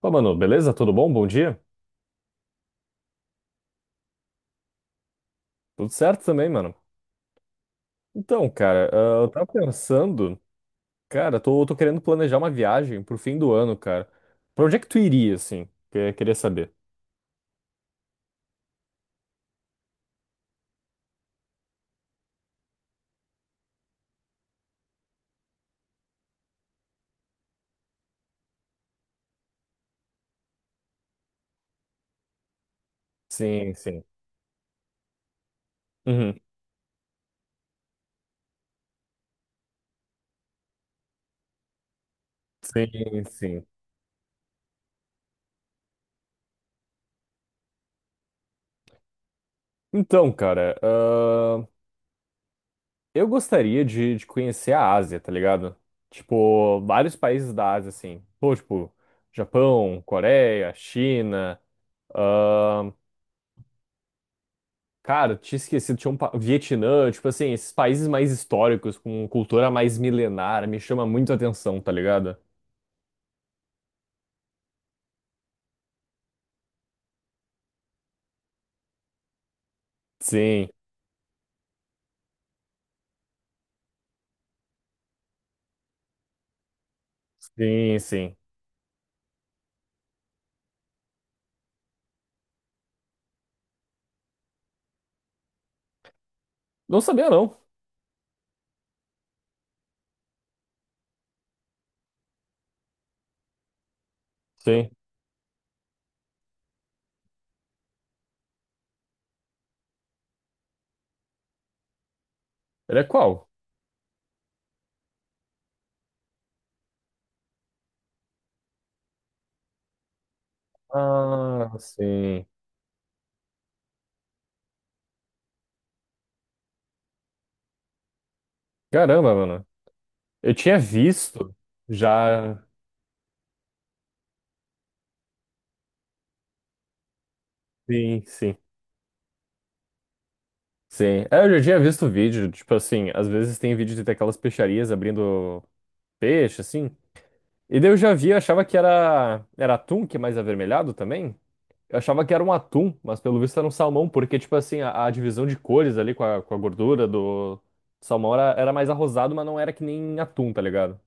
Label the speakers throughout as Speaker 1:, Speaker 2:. Speaker 1: Pô, mano, beleza? Tudo bom? Bom dia? Tudo certo também, mano. Então, cara, eu tava pensando, cara, tô querendo planejar uma viagem pro fim do ano, cara. Pra onde é que tu iria, assim? Que eu queria saber. Sim, sim. Uhum. Sim, sim. Então, cara, eu gostaria de conhecer a Ásia, tá ligado? Tipo, vários países da Ásia, assim. Pô, tipo, Japão, Coreia, China. ah, Cara, tinha esquecido, tinha um Vietnã, tipo assim, esses países mais históricos, com cultura mais milenar, me chama muito a atenção, tá ligado? Sim, sim, sim. Não sabia, não. Sim. Ele é qual? Ah, sim. Caramba, mano. Eu tinha visto já. Sim, sim. Sim. É, eu já tinha visto vídeo, tipo assim, às vezes tem vídeo de aquelas peixarias abrindo peixe, assim. E daí eu já vi, eu achava que era atum, que é mais avermelhado também. Eu achava que era um atum, mas pelo visto era um salmão, porque, tipo assim, a divisão de cores ali com a gordura do salmão era mais arrosado, mas não era que nem atum, tá ligado?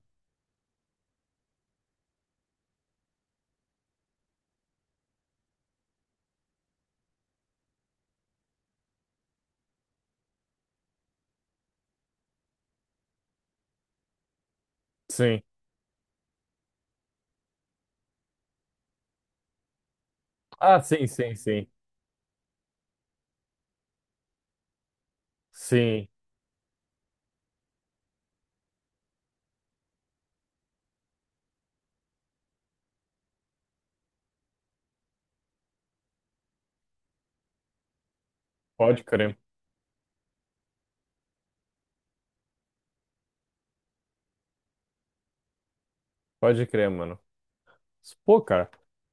Speaker 1: Sim. Ah, sim, sim, sim. Sim. Pode crer. Pode crer, mano. Pô, cara.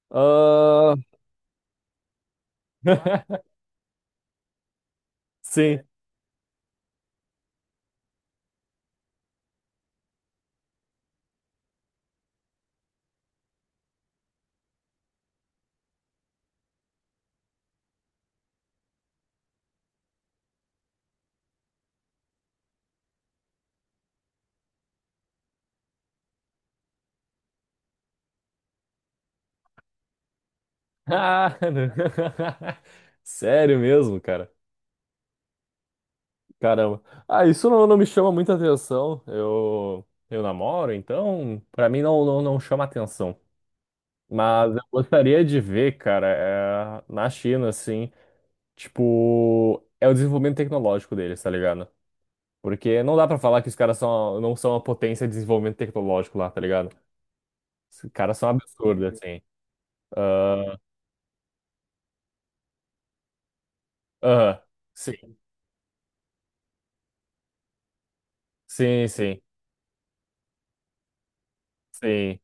Speaker 1: Ah, Sim. Ah, Sério mesmo, cara. Caramba. Ah, isso não, não me chama muita atenção. Eu namoro, então, pra mim não, não, não chama atenção. Mas eu gostaria de ver, cara, é, na China, assim, tipo, é o desenvolvimento tecnológico deles, tá ligado? Porque não dá pra falar que os caras são, não são uma potência de desenvolvimento tecnológico lá, tá ligado? Os caras são absurdos, assim. Ah, Aham, sim, sim, sim, sim,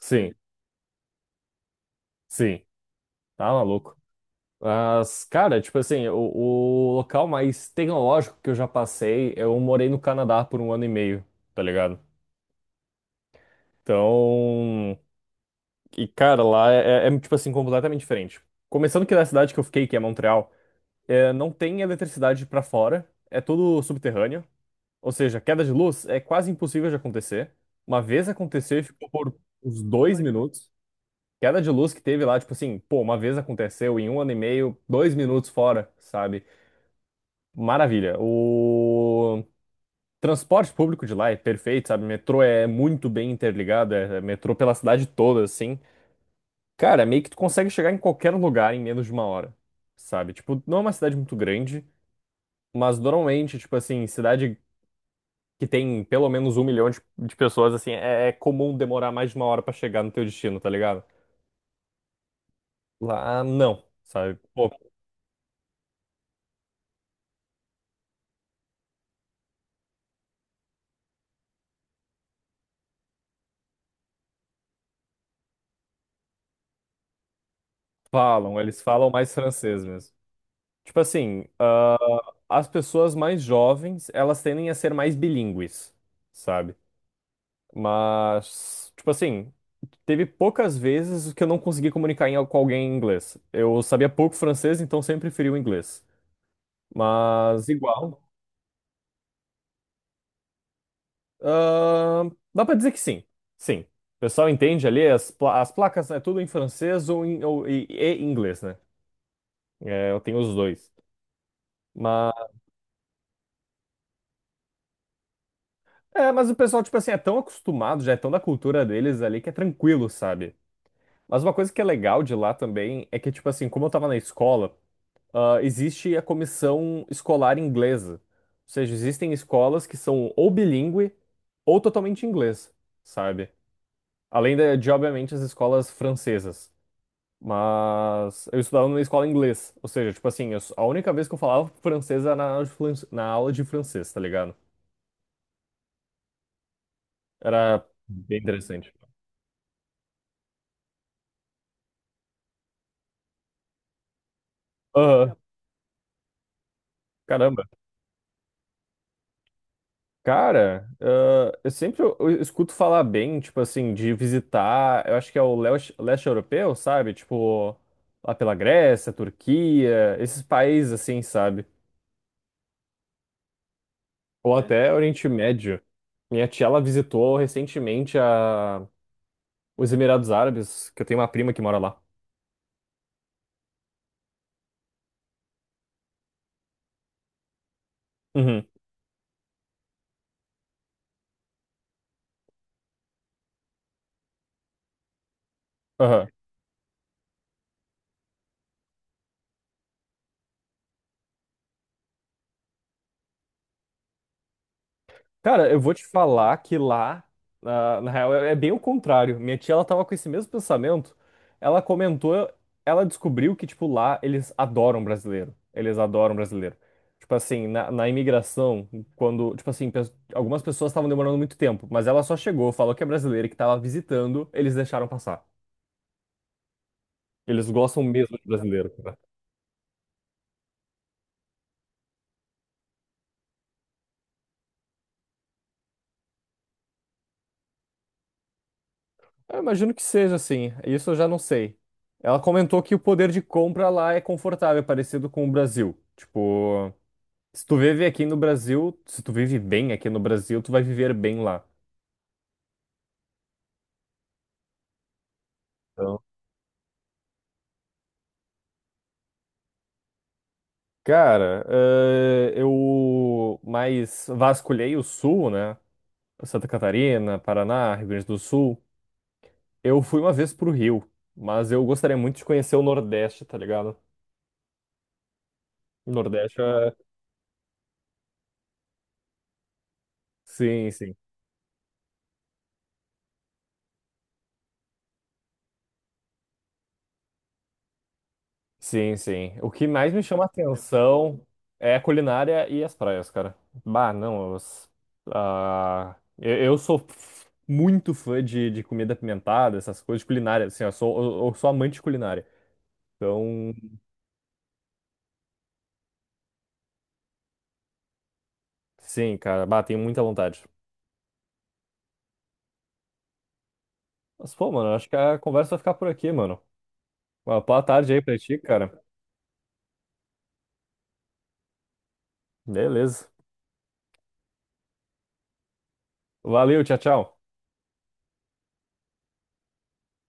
Speaker 1: sim, sim, tá maluco. Mas, cara, tipo assim, o local mais tecnológico que eu já passei, eu morei no Canadá por um ano e meio, tá ligado? Então. E, cara, lá é tipo assim, completamente diferente. Começando que na cidade que eu fiquei, que é Montreal, é, não tem eletricidade pra fora, é tudo subterrâneo. Ou seja, queda de luz é quase impossível de acontecer. Uma vez aconteceu, ficou por uns 2 minutos. Queda de luz que teve lá, tipo assim, pô, uma vez aconteceu em um ano e meio, 2 minutos fora, sabe? Maravilha. O transporte público de lá é perfeito, sabe? Metrô é muito bem interligado, é metrô pela cidade toda, assim. Cara, meio que tu consegue chegar em qualquer lugar em menos de uma hora, sabe? Tipo, não é uma cidade muito grande, mas normalmente, tipo assim, cidade que tem pelo menos 1 milhão de pessoas, assim, é comum demorar mais de uma hora pra chegar no teu destino, tá ligado? Lá, não, sabe? Pô, falam, eles falam mais francês mesmo. Tipo assim, as pessoas mais jovens, elas tendem a ser mais bilíngues, sabe? Mas, tipo assim, teve poucas vezes que eu não consegui comunicar com alguém em inglês. Eu sabia pouco francês, então sempre preferi o inglês. Mas igual. ah, Dá pra dizer que sim. Sim. O pessoal entende ali, as placas é tudo em francês ou, em, ou e inglês, né? É, eu tenho os dois. Mas, mas o pessoal, tipo assim, é tão acostumado, já é tão da cultura deles ali que é tranquilo, sabe? Mas uma coisa que é legal de lá também é que, tipo assim, como eu tava na escola. Existe a comissão escolar inglesa. Ou seja, existem escolas que são ou bilíngue ou totalmente inglês, sabe? Além de, obviamente, as escolas francesas. Mas eu estudava numa escola inglês. Ou seja, tipo assim, eu a única vez que eu falava francês era na aula de na aula de francês, tá ligado? Era bem interessante. Aham, caramba. Cara, eu sempre eu escuto falar bem, tipo assim, de visitar, eu acho que é o leste, leste europeu, sabe? Tipo, lá pela Grécia, Turquia, esses países assim, sabe? Ou é. Até Oriente Médio. Minha tia, ela visitou recentemente os Emirados Árabes, que eu tenho uma prima que mora lá. Uhum. Aham. Cara, eu vou te falar que lá, na real, é bem o contrário. Minha tia, ela tava com esse mesmo pensamento. Ela comentou, ela descobriu que, tipo, lá eles adoram brasileiro. Eles adoram brasileiro. Tipo assim, na imigração, quando, tipo assim, algumas pessoas estavam demorando muito tempo, mas ela só chegou, falou que é brasileira e que tava visitando, eles deixaram passar. Eles gostam mesmo de brasileiro, cara. Eu imagino que seja assim, isso eu já não sei. Ela comentou que o poder de compra lá é confortável, é parecido com o Brasil. Tipo, se tu vive aqui no Brasil, se tu vive bem aqui no Brasil, tu vai viver bem lá. Então, cara, eu mais vasculhei o sul, né? Santa Catarina, Paraná, Rio Grande do Sul. Eu fui uma vez pro Rio, mas eu gostaria muito de conhecer o Nordeste, tá ligado? O Nordeste é... Sim, sim. Sim, sim. O que mais me chama atenção é a culinária e as praias, cara. Bah, não, eu sou muito fã de comida apimentada, essas coisas de culinária, assim, eu sou, eu sou amante de culinária. Então, sim, cara, bah, tenho muita vontade. Mas, pô, mano, acho que a conversa vai ficar por aqui, mano. Uma boa tarde aí pra ti, cara. Beleza. Valeu, tchau, tchau.